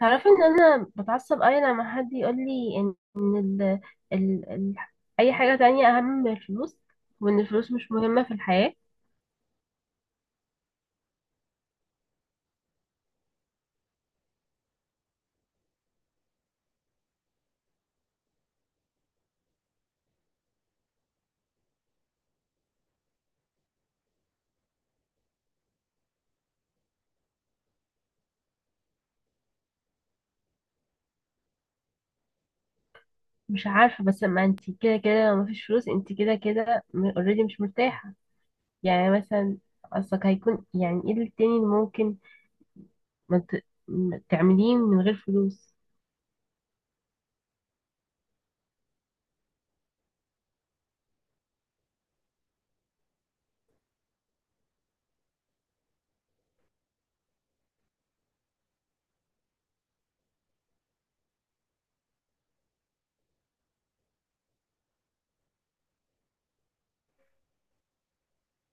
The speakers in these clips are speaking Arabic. تعرفي ان انا بتعصب قوي لما حد يقول لي ان إن ال... ال... ال... اي حاجه تانية اهم من الفلوس، وان الفلوس مش مهمه في الحياه. مش عارفه، بس ما انت كده كده لو مفيش فلوس انت كده كده اوريدي مش مرتاحه. يعني مثلا قصدك هيكون يعني ايه التاني اللي ممكن ما تعمليه من غير فلوس؟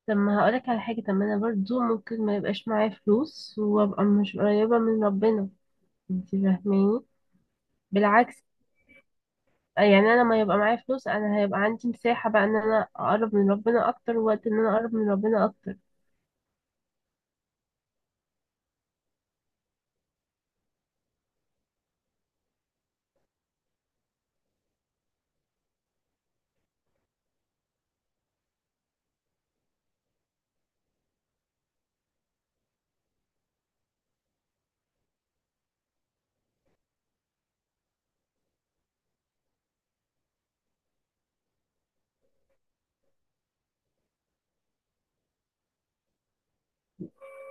طب ما هقولك على حاجه، طب ما انا برضو ممكن ما يبقاش معايا فلوس وابقى مش قريبه من ربنا. انت فاهماني؟ بالعكس، يعني انا لما يبقى معايا فلوس انا هيبقى عندي مساحة بقى ان انا اقرب من ربنا اكتر، ووقت ان انا اقرب من ربنا اكتر.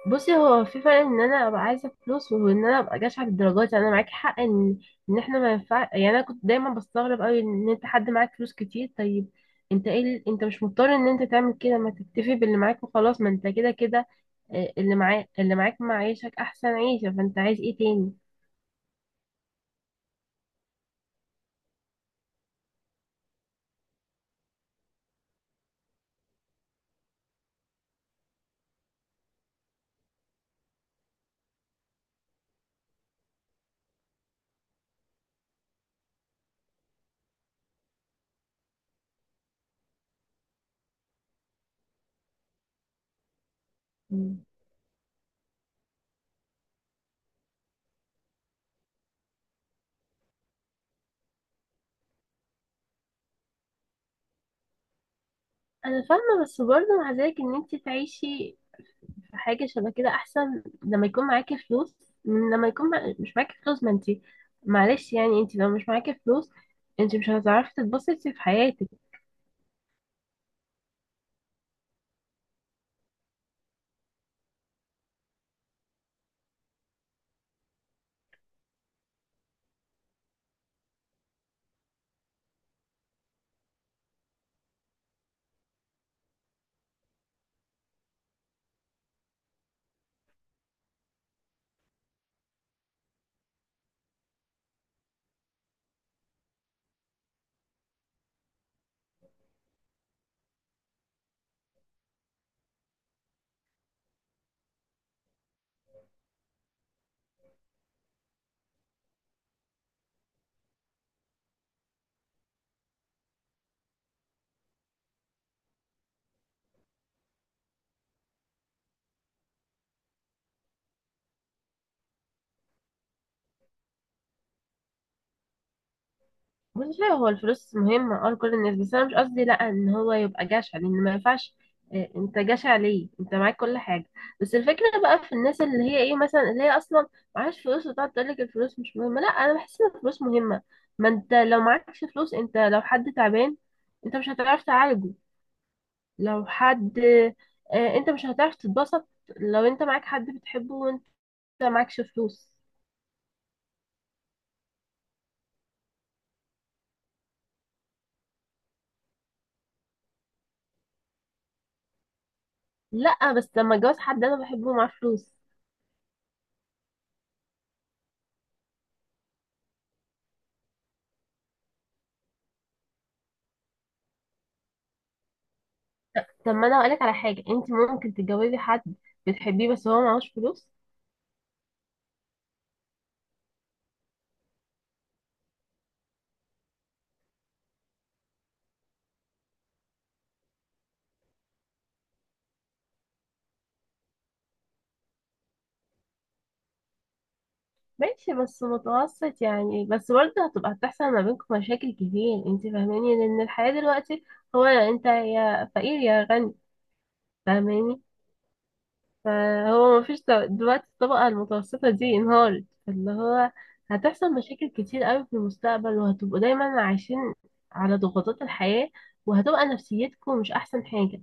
بصي، هو في فرق ان انا ابقى عايزة فلوس وان انا ابقى جشعة بالدرجات. يعني انا معاكي حق ان احنا ما ينفع. يعني انا كنت دايما بستغرب قوي ان انت حد معاك فلوس كتير، طيب انت ايه انت مش مضطر ان انت تعمل كده، ما تكتفي باللي معاك وخلاص، ما انت كده كده اللي معاك معيشك احسن عيشة، فانت عايز ايه تاني؟ مم. انا فاهمه، بس برضه مع ذلك ان انت تعيشي حاجة شبه كده أحسن لما يكون معاكي فلوس من لما يكون مش معاكي فلوس. ما انتي معلش، يعني انتي لو مش معاكي فلوس انتي مش هتعرفي تتبسطي في حياتك. مش عارفة، هو الفلوس مهمة لكل الناس، بس أنا مش قصدي لأ إن هو يبقى جشع، لأن ما ينفعش اه، انت جشع ليه؟ انت معاك كل حاجة. بس الفكرة بقى في الناس اللي هي ايه مثلا، اللي هي أصلا معهاش فلوس وتقعد تقولك الفلوس مش مهمة. لأ، أنا بحس إن الفلوس مهمة. ما انت لو معكش فلوس، انت لو حد تعبان انت مش هتعرف تعالجه. لو حد انت مش هتعرف تتبسط. لو انت معاك حد بتحبه وانت معكش فلوس. لا، بس لما اتجوز حد انا بحبه معاه فلوس. طب ما انا هقولك على حاجه، انت ممكن تتجوزي حد بتحبيه بس هو معهوش فلوس. ماشي، بس متوسط يعني، بس برضه هتبقى هتحصل ما بينكم مشاكل كتير. انت فاهماني؟ لان الحياه دلوقتي هو انت يا فقير يا غني. فاهماني؟ فهو مفيش دلوقتي الطبقة المتوسطة دي انهارت، فاللي هو هتحصل مشاكل كتير قوي في المستقبل، وهتبقوا دايما عايشين على ضغوطات الحياة، وهتبقى نفسيتكم مش أحسن حاجة.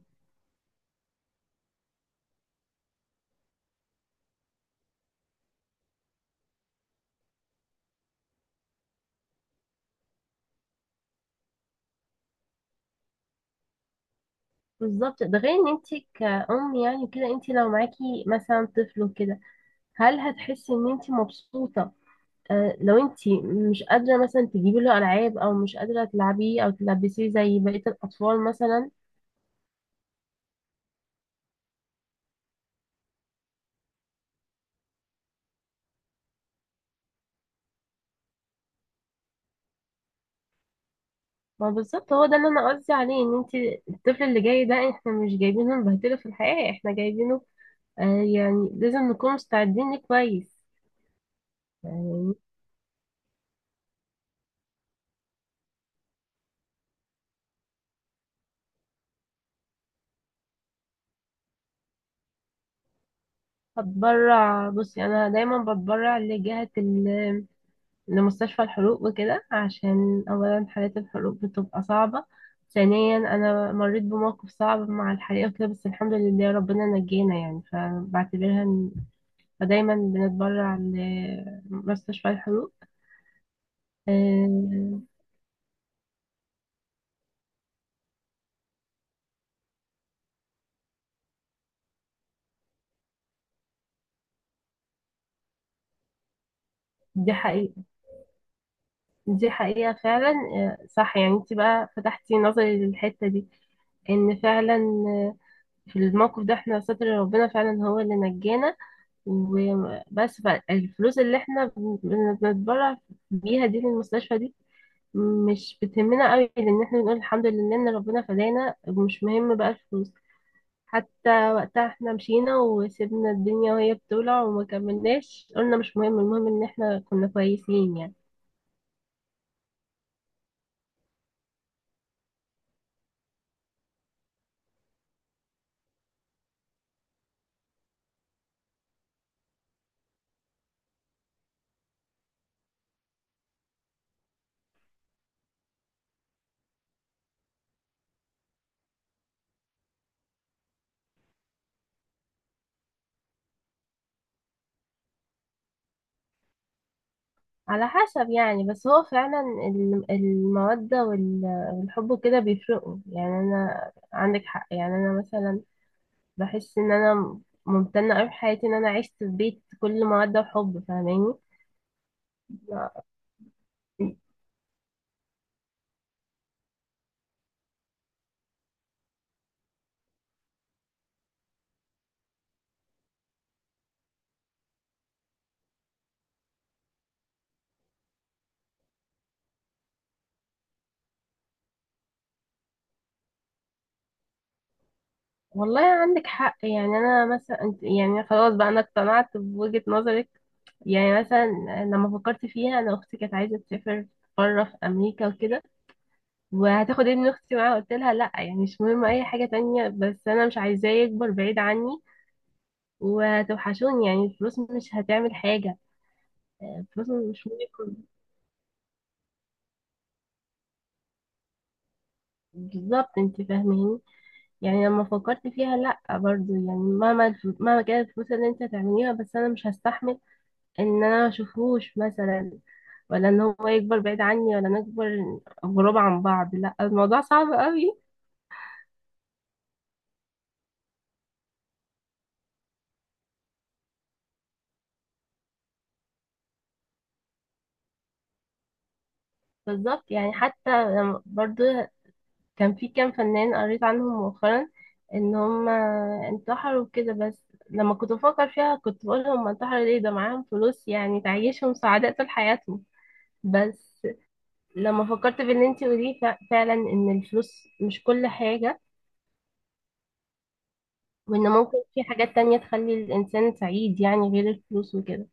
بالظبط. ده غير ان انت كأم يعني كده، انت لو معاكي مثلا طفل وكده هل هتحسي ان انت مبسوطة لو انت مش قادرة مثلا تجيبي له ألعاب، أو مش قادرة تلعبيه أو تلبسيه زي بقية الأطفال مثلا؟ ما بالظبط، هو ده اللي انا قصدي عليه. ان انت الطفل اللي جاي ده احنا مش جايبينه نبهدله في الحياة، احنا جايبينه آه يعني لازم نكون مستعدين ليه كويس يعني. هتبرع، بصي انا دايما بتبرع لجهة لمستشفى الحروق وكده، عشان اولا حالات الحروق بتبقى صعبة، ثانيا انا مريت بموقف صعب مع الحريقة وكده، بس الحمد لله ربنا نجينا يعني، فبعتبرها فدايما بنتبرع لمستشفى الحروق. آه، دي حقيقة. دي حقيقة فعلا، صح. يعني انت بقى فتحتي نظري للحتة دي ان فعلا آه، في الموقف ده احنا ستر ربنا فعلا هو اللي نجانا وبس. الفلوس اللي احنا بنتبرع بيها دي للمستشفى دي مش بتهمنا قوي، لان احنا بنقول الحمد لله ان ربنا فدانا ومش مهم بقى الفلوس. حتى وقتها احنا مشينا وسيبنا الدنيا وهي بتولع وما كملناش، قلنا مش مهم، المهم ان احنا كنا كويسين يعني. على حسب يعني، بس هو فعلا المودة والحب وكده بيفرقوا يعني. أنا عندك حق، يعني أنا مثلا بحس إن أنا ممتنة أوي في حياتي إن أنا عشت في بيت كل مودة وحب. فاهماني؟ والله عندك حق، يعني أنا مثلا، يعني خلاص بقى أنا اقتنعت بوجهة نظرك. يعني مثلا لما فكرت فيها، أنا أختي كانت عايزة تسافر بره في أمريكا وكده، وهتاخد ابن أختي معاها، قلت لها لأ، يعني مش مهم أي حاجة تانية بس أنا مش عايزاه يكبر بعيد عني وهتوحشوني، يعني الفلوس مش هتعمل حاجة. الفلوس مش مهم. بالظبط، انت فاهماني؟ يعني لما فكرت فيها لا، برضو يعني مهما مهما كانت الفلوس اللي انت هتعمليها بس انا مش هستحمل ان انا ما اشوفهوش مثلا، ولا ان هو يكبر بعيد عني، ولا نكبر غراب عن بعض. لا، الموضوع صعب قوي. بالظبط، يعني حتى برضو كان في كام فنان قريت عنهم مؤخرا ان هم انتحروا كده. بس لما كنت بفكر فيها كنت بقول هم انتحروا ليه، ده معاهم فلوس يعني تعيشهم سعداء طول حياتهم. بس لما فكرت باللي انتي قوليه فعلا ان الفلوس مش كل حاجة، وان ممكن في حاجات تانية تخلي الانسان سعيد يعني غير الفلوس وكده.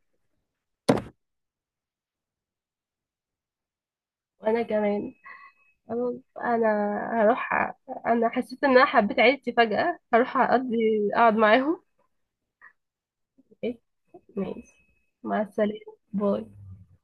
وانا كمان انا أنا هروح انا حسيت ان انا حبيت عيلتي فجأة، هروح اقضي اقعد معاهم. إيه؟ ماشي. مع السلامة. باي.